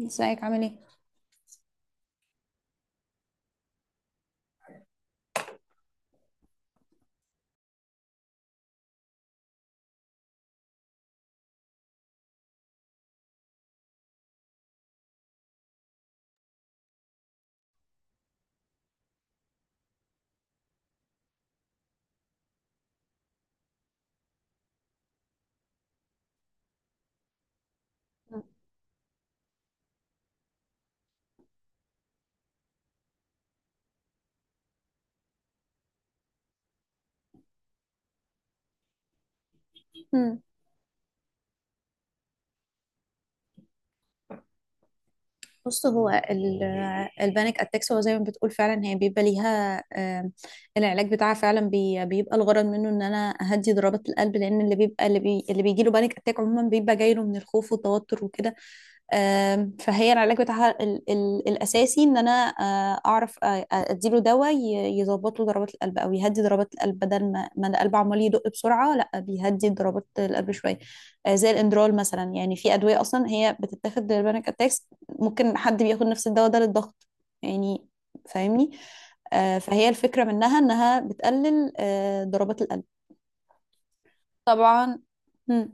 ازيك عامل ايه؟ مم. بص هو البانيك اتاكس هو زي ما بتقول فعلا، هي بيبقى ليها العلاج بتاعها فعلا بيبقى الغرض منه ان انا اهدي ضربات القلب، لان اللي بيبقى اللي, بي اللي بيجي له بانيك اتاك عموما بيبقى جاي له من الخوف والتوتر وكده. فهي العلاج بتاعها ال الاساسي ان انا اعرف، اديله دواء يظبط له ضربات القلب او يهدي ضربات القلب، بدل ما القلب عمال يدق بسرعه، لا بيهدي ضربات القلب شويه. زي الاندرال مثلا، يعني في ادويه اصلا هي بتتاخد للبانيك اتاكس. ممكن حد بياخد نفس الدواء ده للضغط يعني، فاهمني. فهي الفكرة منها إنها بتقلل ضربات القلب. طبعا. مم.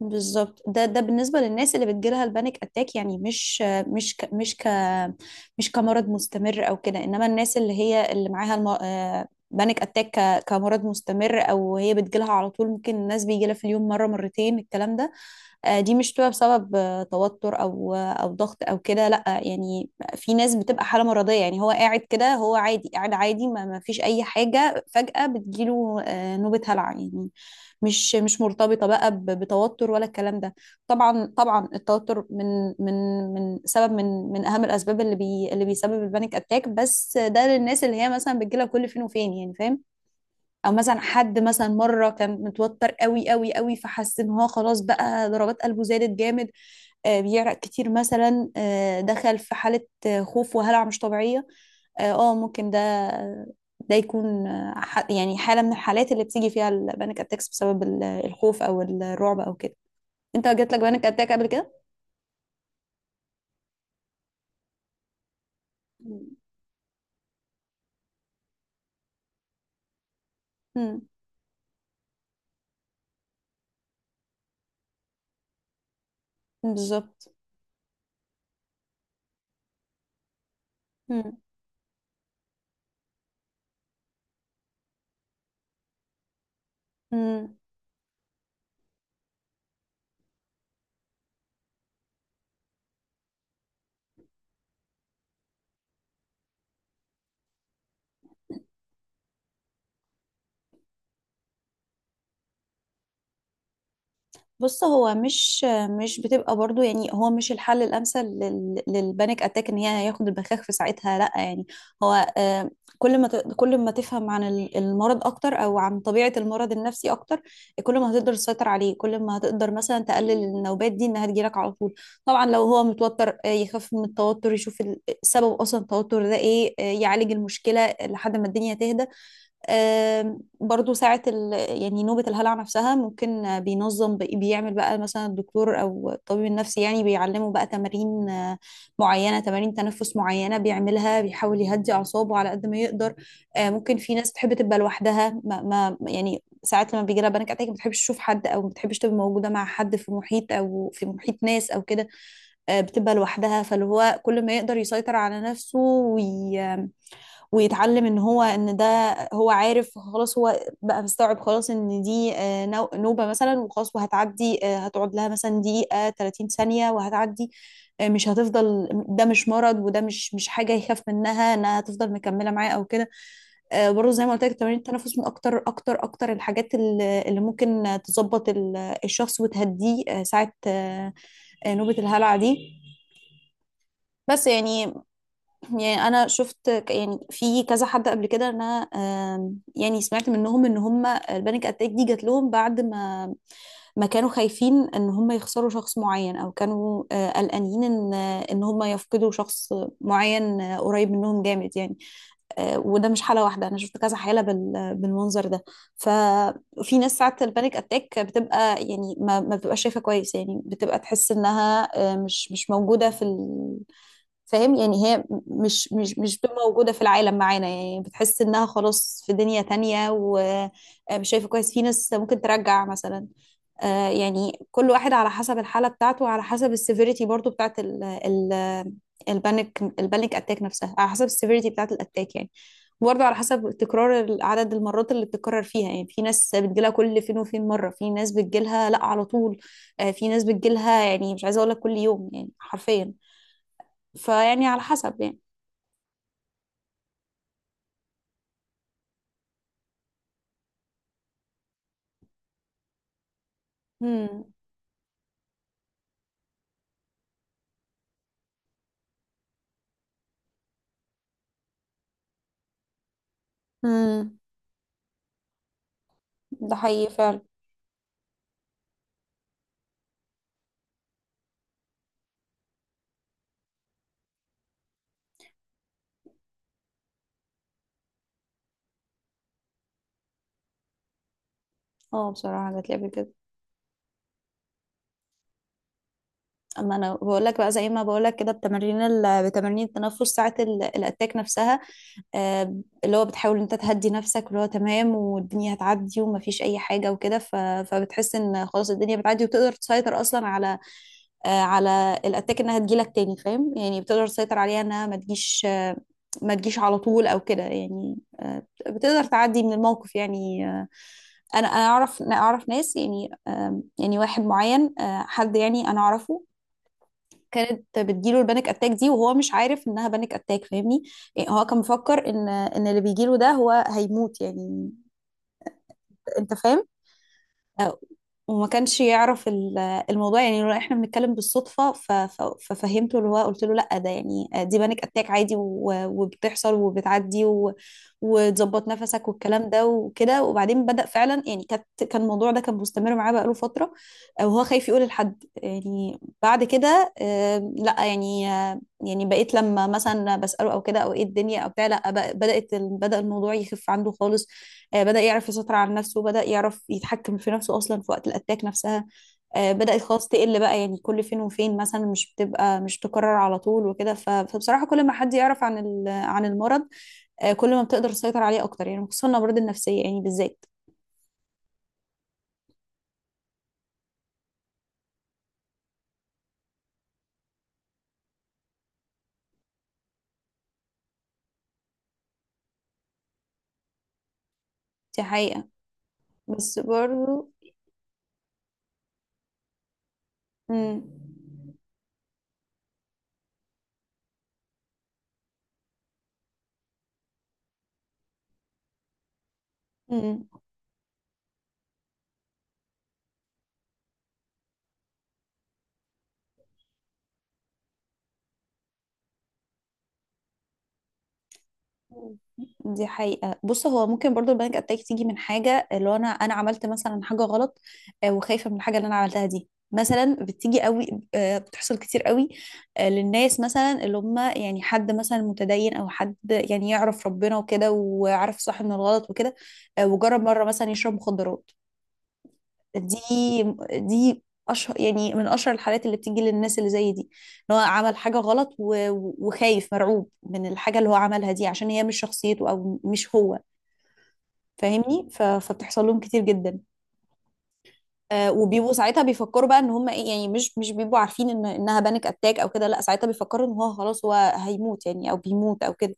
بالظبط، ده بالنسبة للناس اللي بتجيلها البانيك أتاك، يعني مش آه، مش ك مش ك مش كمرض مستمر أو كده. إنما الناس اللي هي معاها الم... آه، بانيك أتاك كمرض مستمر، أو هي بتجيلها على طول، ممكن الناس بيجيلها في اليوم مرة مرتين الكلام ده. دي مش بتبقى بسبب توتر او ضغط او كده، لا يعني. في ناس بتبقى حاله مرضيه، يعني هو قاعد كده، هو عادي قاعد عادي، ما فيش اي حاجه، فجاه بتجيله نوبه هلع يعني، مش مرتبطه بقى بتوتر ولا الكلام ده. طبعا طبعا التوتر من من سبب، من اهم الاسباب اللي بيسبب البانيك اتاك، بس ده للناس اللي هي مثلا بتجيلها كل فين وفين يعني، فاهم. او مثلا حد مثلا مره كان متوتر قوي قوي قوي، فحس ان هو خلاص بقى ضربات قلبه زادت جامد، بيعرق كتير مثلا، دخل في حاله خوف وهلع مش طبيعيه. ممكن ده يكون يعني حاله من الحالات اللي بتيجي فيها البانيك اتاكس بسبب الخوف او الرعب او كده. انت جات لك بانيك اتاك قبل كده؟ مم. مم. بالظبط. مم. مم. بص هو مش بتبقى برضو، يعني هو مش الحل الامثل للبانيك اتاك ان هي ياخد البخاخ في ساعتها، لا يعني. هو كل ما تفهم عن المرض اكتر، او عن طبيعه المرض النفسي اكتر، كل ما هتقدر تسيطر عليه، كل ما هتقدر مثلا تقلل النوبات دي انها تجيلك على طول. طبعا لو هو متوتر يخف من التوتر، يشوف سبب اصلا التوتر ده ايه، يعالج المشكله لحد ما الدنيا تهدى. برضو يعني نوبة الهلع نفسها ممكن بينظم بيعمل بقى مثلا الدكتور أو الطبيب النفسي، يعني بيعلمه بقى تمارين معينة، تمارين تنفس معينة بيعملها، بيحاول يهدي أعصابه على قد ما يقدر. ممكن في ناس تحب تبقى لوحدها، ما... ما يعني ساعات لما بيجي لها بانيك اتاك ما بتحبش تشوف حد، او ما بتحبش تبقى موجوده مع حد في محيط، او في محيط ناس او كده، بتبقى لوحدها. فاللي هو كل ما يقدر يسيطر على نفسه ويتعلم ان هو ان ده، هو عارف خلاص، هو بقى مستوعب خلاص ان دي نوبة مثلا وخلاص وهتعدي، هتقعد لها مثلا دقيقة 30 ثانية وهتعدي، مش هتفضل. ده مش مرض، وده مش حاجة يخاف منها انها هتفضل مكملة معاه او كده. برضه زي ما قلت لك، تمارين التنفس من اكتر اكتر اكتر الحاجات اللي ممكن تظبط الشخص وتهديه ساعة نوبة الهلع دي. بس يعني انا شفت يعني في كذا حد قبل كده إن انا يعني سمعت منهم ان هم البانيك اتاك دي جات لهم بعد ما كانوا خايفين ان هم يخسروا شخص معين، او كانوا قلقانين ان هم يفقدوا شخص معين، قريب منهم جامد يعني. وده مش حالة واحدة، أنا شفت كذا حالة بالمنظر ده. ففي ناس ساعات البانيك أتاك بتبقى يعني ما بتبقاش شايفة كويس، يعني بتبقى تحس إنها مش موجودة في، فاهم يعني، هي مش بتبقى موجودة في العالم معانا يعني، بتحس انها خلاص في دنيا تانية ومش شايفة كويس. في ناس ممكن ترجع مثلا يعني. كل واحد على حسب الحالة بتاعته، وعلى حسب السيفيريتي برضو بتاعت ال البانيك اتاك نفسها، على حسب السيفيريتي بتاعت الاتاك يعني، برضو على حسب تكرار عدد المرات اللي بتتكرر فيها. يعني في ناس بتجيلها كل فين وفين مرة، في ناس بتجيلها لا على طول، في ناس بتجيلها يعني مش عايزة اقول لك كل يوم يعني حرفيا، فيعني على حسب يعني. امم امم ده حقيقي فعلا. اه بصراحة جات لي قبل كده. اما انا بقول لك بقى زي ما بقول لك كده، بتمارين بتمارين التنفس ساعة الاتاك نفسها، اللي هو بتحاول إن انت تهدي نفسك، واللي هو تمام والدنيا هتعدي ومفيش اي حاجة وكده. فبتحس ان خلاص الدنيا بتعدي، وتقدر تسيطر اصلا على الاتاك انها تجيلك تاني، فاهم يعني، بتقدر تسيطر عليها انها ما تجيش على طول او كده يعني، بتقدر تعدي من الموقف يعني. انا اعرف، أنا اعرف ناس يعني، يعني واحد معين، حد يعني انا اعرفه، كانت بتجيله البانيك اتاك دي وهو مش عارف انها بانيك اتاك، فاهمني. يعني هو كان مفكر ان اللي بيجيله ده هو هيموت يعني، انت فاهم. آه، وما كانش يعرف الموضوع، يعني لو احنا بنتكلم بالصدفة ففهمته اللي هو، قلت له لا ده يعني دي بانيك اتاك عادي، وبتحصل وبتعدي، وتظبط نفسك والكلام ده وكده. وبعدين بدأ فعلا، يعني كان الموضوع ده كان مستمر معاه بقاله فترة وهو خايف يقول لحد يعني. بعد كده لا يعني، يعني بقيت لما مثلا بسأله او كده، او ايه الدنيا او بتاع، لا بدأت بدأ الموضوع يخف عنده خالص، بدأ يعرف يسيطر على نفسه، بدأ يعرف يتحكم في نفسه أصلا في وقت الأتاك نفسها، بدأت خلاص تقل بقى، يعني كل فين وفين مثلا، مش بتبقى مش تكرر على طول وكده. فبصراحة كل ما حد يعرف عن المرض كل ما بتقدر تسيطر عليه أكتر يعني، خصوصا الأمراض النفسية يعني بالذات. دي حقيقة. بس برضو. مم. مم. دي حقيقة. بص هو ممكن برضو البانيك اتاك تيجي من حاجة، اللي هو انا عملت مثلا حاجة غلط وخايفة من الحاجة اللي انا عملتها دي مثلا، بتيجي قوي، بتحصل كتير قوي للناس مثلا اللي هم يعني، حد مثلا متدين، او حد يعني يعرف ربنا وكده وعارف صح من الغلط وكده، وجرب مرة مثلا يشرب مخدرات. دي دي اشهر يعني، من اشهر الحالات اللي بتيجي للناس اللي زي دي، ان هو عمل حاجه غلط وخايف مرعوب من الحاجه اللي هو عملها دي، عشان هي مش شخصيته او مش هو، فاهمني. فبتحصل لهم كتير جدا، وبيبقوا ساعتها بيفكروا بقى ان هم ايه يعني، مش بيبقوا عارفين ان انها بانيك اتاك او كده، لا ساعتها بيفكروا ان هو خلاص هو هيموت يعني، او بيموت او كده.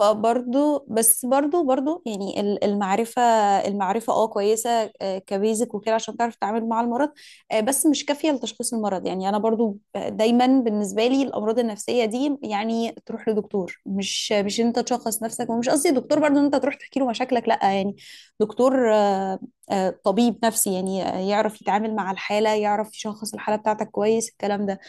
فبرضو بس برضو يعني المعرفة اه كويسة، كبيزك وكده عشان تعرف تتعامل مع المرض، بس مش كافية لتشخيص المرض. يعني أنا برضو دايما بالنسبة لي الأمراض النفسية دي، يعني تروح لدكتور، مش أنت تشخص نفسك، ومش قصدي دكتور برضو أن أنت تروح تحكي له مشاكلك، لأ يعني، دكتور طبيب نفسي يعني، يعرف يتعامل مع الحالة، يعرف يشخص الحالة بتاعتك كويس الكلام ده.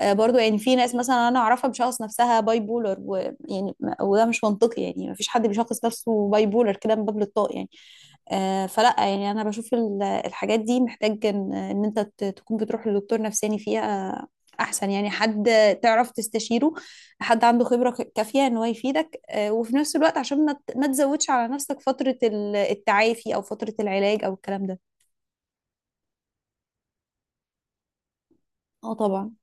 برضو يعني في ناس مثلا انا اعرفها بشخص نفسها باي بولر، ويعني وده مش منطقي يعني، ما فيش حد بيشخص نفسه باي بولر كده من باب الطاق يعني. فلا يعني انا بشوف الحاجات دي محتاج ان إن انت تكون بتروح لدكتور نفساني فيها، احسن يعني. حد تعرف تستشيره، حد عنده خبرة كافية ان هو يفيدك، وفي نفس الوقت عشان ما ما تزودش على نفسك فترة التعافي او فترة العلاج او الكلام ده. اه طبعا.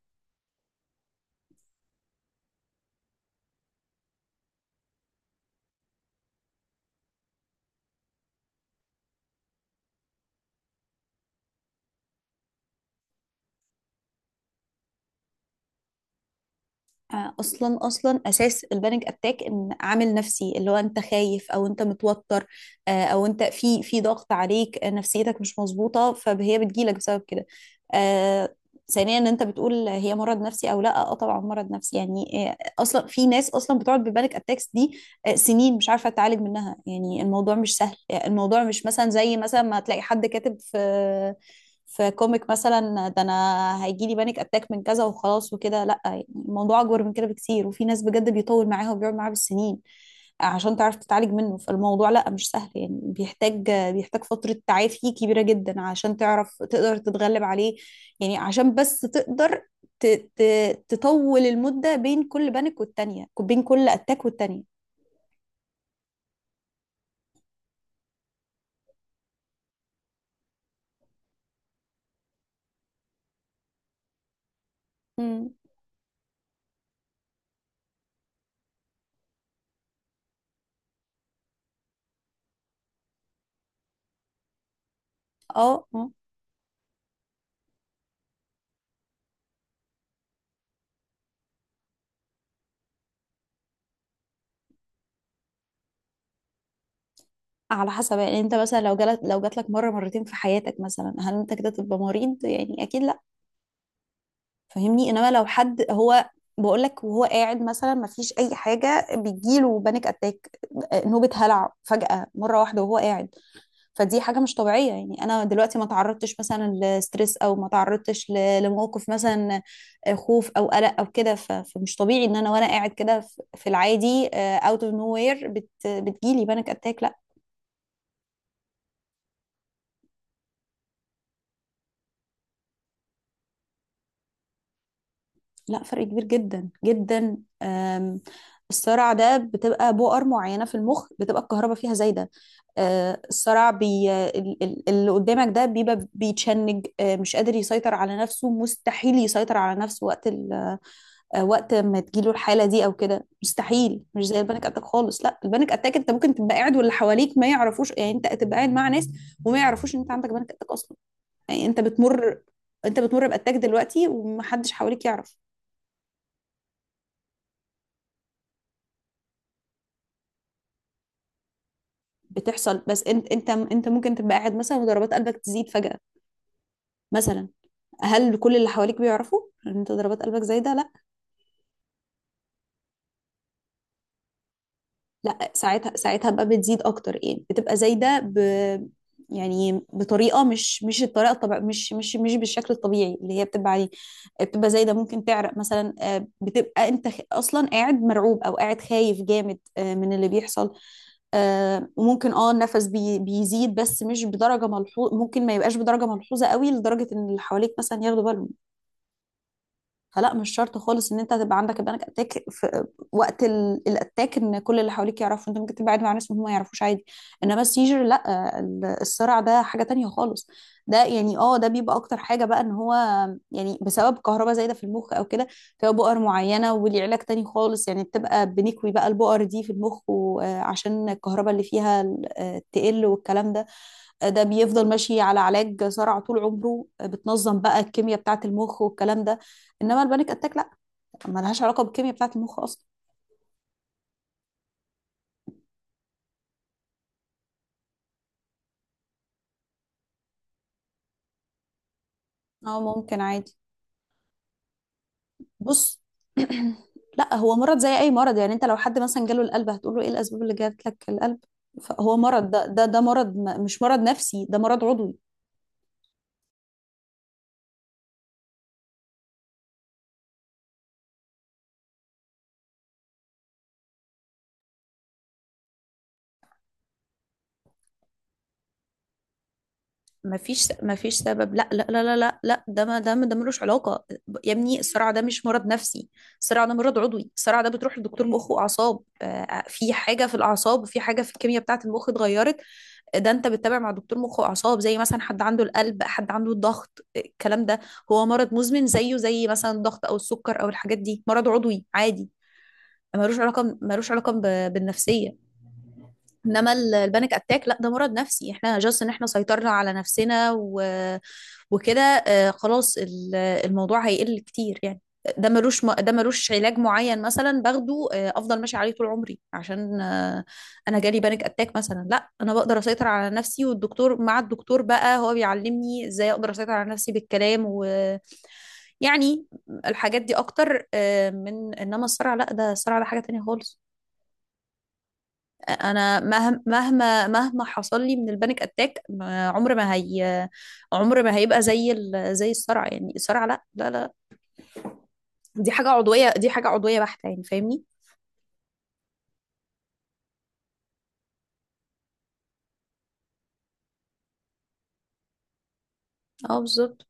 اصلا اساس البانيك اتاك ان عامل نفسي، اللي هو انت خايف او انت متوتر، او انت في ضغط عليك، نفسيتك مش مظبوطه، فهي بتجيلك بسبب كده. آه، ثانيا ان انت بتقول هي مرض نفسي او لا، اه طبعا مرض نفسي يعني. اصلا في ناس اصلا بتقعد ببانيك اتاكس دي سنين مش عارفه تعالج منها، يعني الموضوع مش سهل. الموضوع مش مثلا زي مثلا ما تلاقي حد كاتب في كوميك مثلا ده، انا هيجي لي بانيك اتاك من كذا وخلاص وكده، لا يعني الموضوع اكبر من كده بكتير. وفي ناس بجد بيطول معاها وبيقعد معاها بالسنين عشان تعرف تتعالج منه، فالموضوع لا مش سهل يعني، بيحتاج بيحتاج فترة تعافي كبيرة جدا عشان تعرف تقدر تتغلب عليه، يعني عشان بس تقدر تطول المدة بين كل بانيك والتانية، بين كل اتاك والتانية. مم. اه. آه. على حسب، يعني انت مثلا لو جات لك مره مرتين في حياتك مثلا، هل انت كده تبقى مريض؟ يعني اكيد لا. فاهمني؟ انما لو حد هو بقول لك وهو قاعد مثلا ما فيش اي حاجه بيجيله بانيك اتاك، نوبه هلع فجاه مره واحده وهو قاعد، فدي حاجه مش طبيعيه. يعني انا دلوقتي ما تعرضتش مثلا لستريس، او ما تعرضتش لموقف مثلا، خوف او قلق او كده، فمش طبيعي ان انا وانا قاعد كده في العادي، اوت اوف نو وير، بتجيلي بانيك اتاك. لا لا، فرق كبير جدا جدا. آم، الصرع ده بتبقى بؤر معينة في المخ بتبقى الكهرباء فيها زايدة. الصرع اللي قدامك ده بيبقى بيتشنج، مش قادر يسيطر على نفسه، مستحيل يسيطر على نفسه وقت ال... وقت ما تجيله الحالة دي أو كده، مستحيل. مش زي البانيك أتاك خالص. لا، البانيك أتاك أنت ممكن تبقى قاعد واللي حواليك ما يعرفوش. يعني أنت تبقى قاعد مع ناس وما يعرفوش إن أنت عندك بانيك أتاك أصلا. يعني أنت بتمر بأتاك دلوقتي ومحدش حواليك يعرف. بتحصل، بس انت ممكن تبقى قاعد مثلا وضربات قلبك تزيد فجأة مثلا. هل كل اللي حواليك بيعرفوا ان انت ضربات قلبك زايده؟ لا. لا، ساعتها بقى بتزيد اكتر. يعني بتبقى زايده يعني بطريقه مش الطريقه الطبيعيه، مش بالشكل الطبيعي اللي هي بتبقى عليه. بتبقى زايده، ممكن تعرق مثلا، بتبقى انت اصلا قاعد مرعوب او قاعد خايف جامد من اللي بيحصل. وممكن النفس بيزيد، بس مش بدرجه ملحوظه. ممكن ما يبقاش بدرجه ملحوظه قوي لدرجه ان اللي حواليك مثلا ياخدوا بالهم. فلا، مش شرط خالص ان انت تبقى عندك البانيك اتاك في وقت الاتاك ان كل اللي حواليك يعرفوا. انت ممكن تبعد مع ناس هم ما يعرفوش، عادي. انما السيجر لا، الصرع ده حاجه تانية خالص. ده يعني ده بيبقى اكتر حاجه بقى ان هو يعني بسبب كهرباء زايده في المخ او كده، فيها بؤر معينه وليه علاج تاني خالص. يعني بتبقى بنكوي بقى البؤر دي في المخ، وعشان الكهرباء اللي فيها تقل والكلام ده. ده بيفضل ماشي على علاج صرع طول عمره، بتنظم بقى الكيمياء بتاعة المخ والكلام ده. انما البانيك اتاك لا، ما لهاش علاقة بالكيمياء بتاعة المخ اصلا. اه ممكن عادي. بص لا، هو مرض زي اي مرض. يعني انت لو حد مثلا جاله القلب هتقول له ايه الاسباب اللي جات لك القلب؟ فهو مرض، ده مرض مش مرض نفسي، ده مرض عضوي. مفيش سبب. لا لا لا لا لا لا، ده ما ده ما ده ملوش علاقة. يا ابني الصرع ده مش مرض نفسي، الصرع ده مرض عضوي. الصرع ده بتروح لدكتور مخ وأعصاب. في حاجة في الأعصاب وفي حاجة في الكيمياء بتاعة المخ اتغيرت. ده أنت بتتابع مع دكتور مخ وأعصاب زي مثلا حد عنده القلب، حد عنده الضغط، الكلام ده. هو مرض مزمن، زيه زي مثلا الضغط أو السكر أو الحاجات دي، مرض عضوي عادي. ملوش علاقة، ملوش علاقة بالنفسية. انما البانيك اتاك لا، ده مرض نفسي. احنا جاست ان احنا سيطرنا على نفسنا و... وكده، خلاص الموضوع هيقل كتير يعني. ده ملوش علاج معين مثلا باخده افضل ماشي عليه طول عمري عشان انا جالي بانيك اتاك مثلا. لا، انا بقدر اسيطر على نفسي، مع الدكتور بقى هو بيعلمني ازاي اقدر اسيطر على نفسي بالكلام، ويعني الحاجات دي اكتر. من انما الصرع لا، ده الصرع ده حاجة تانية خالص. انا مهما حصل لي من البانيك اتاك عمر ما هي، عمر ما هيبقى زي ال... زي الصرع. يعني الصرع لا لا لا، دي حاجة عضوية، دي حاجة عضوية بحتة يعني. فاهمني؟ اه بالظبط.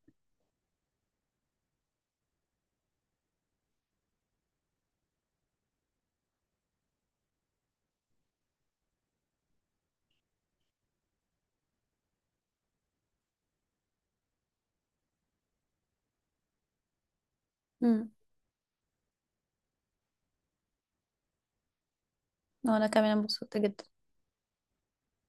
امم وانا كمان انبسطت جدا.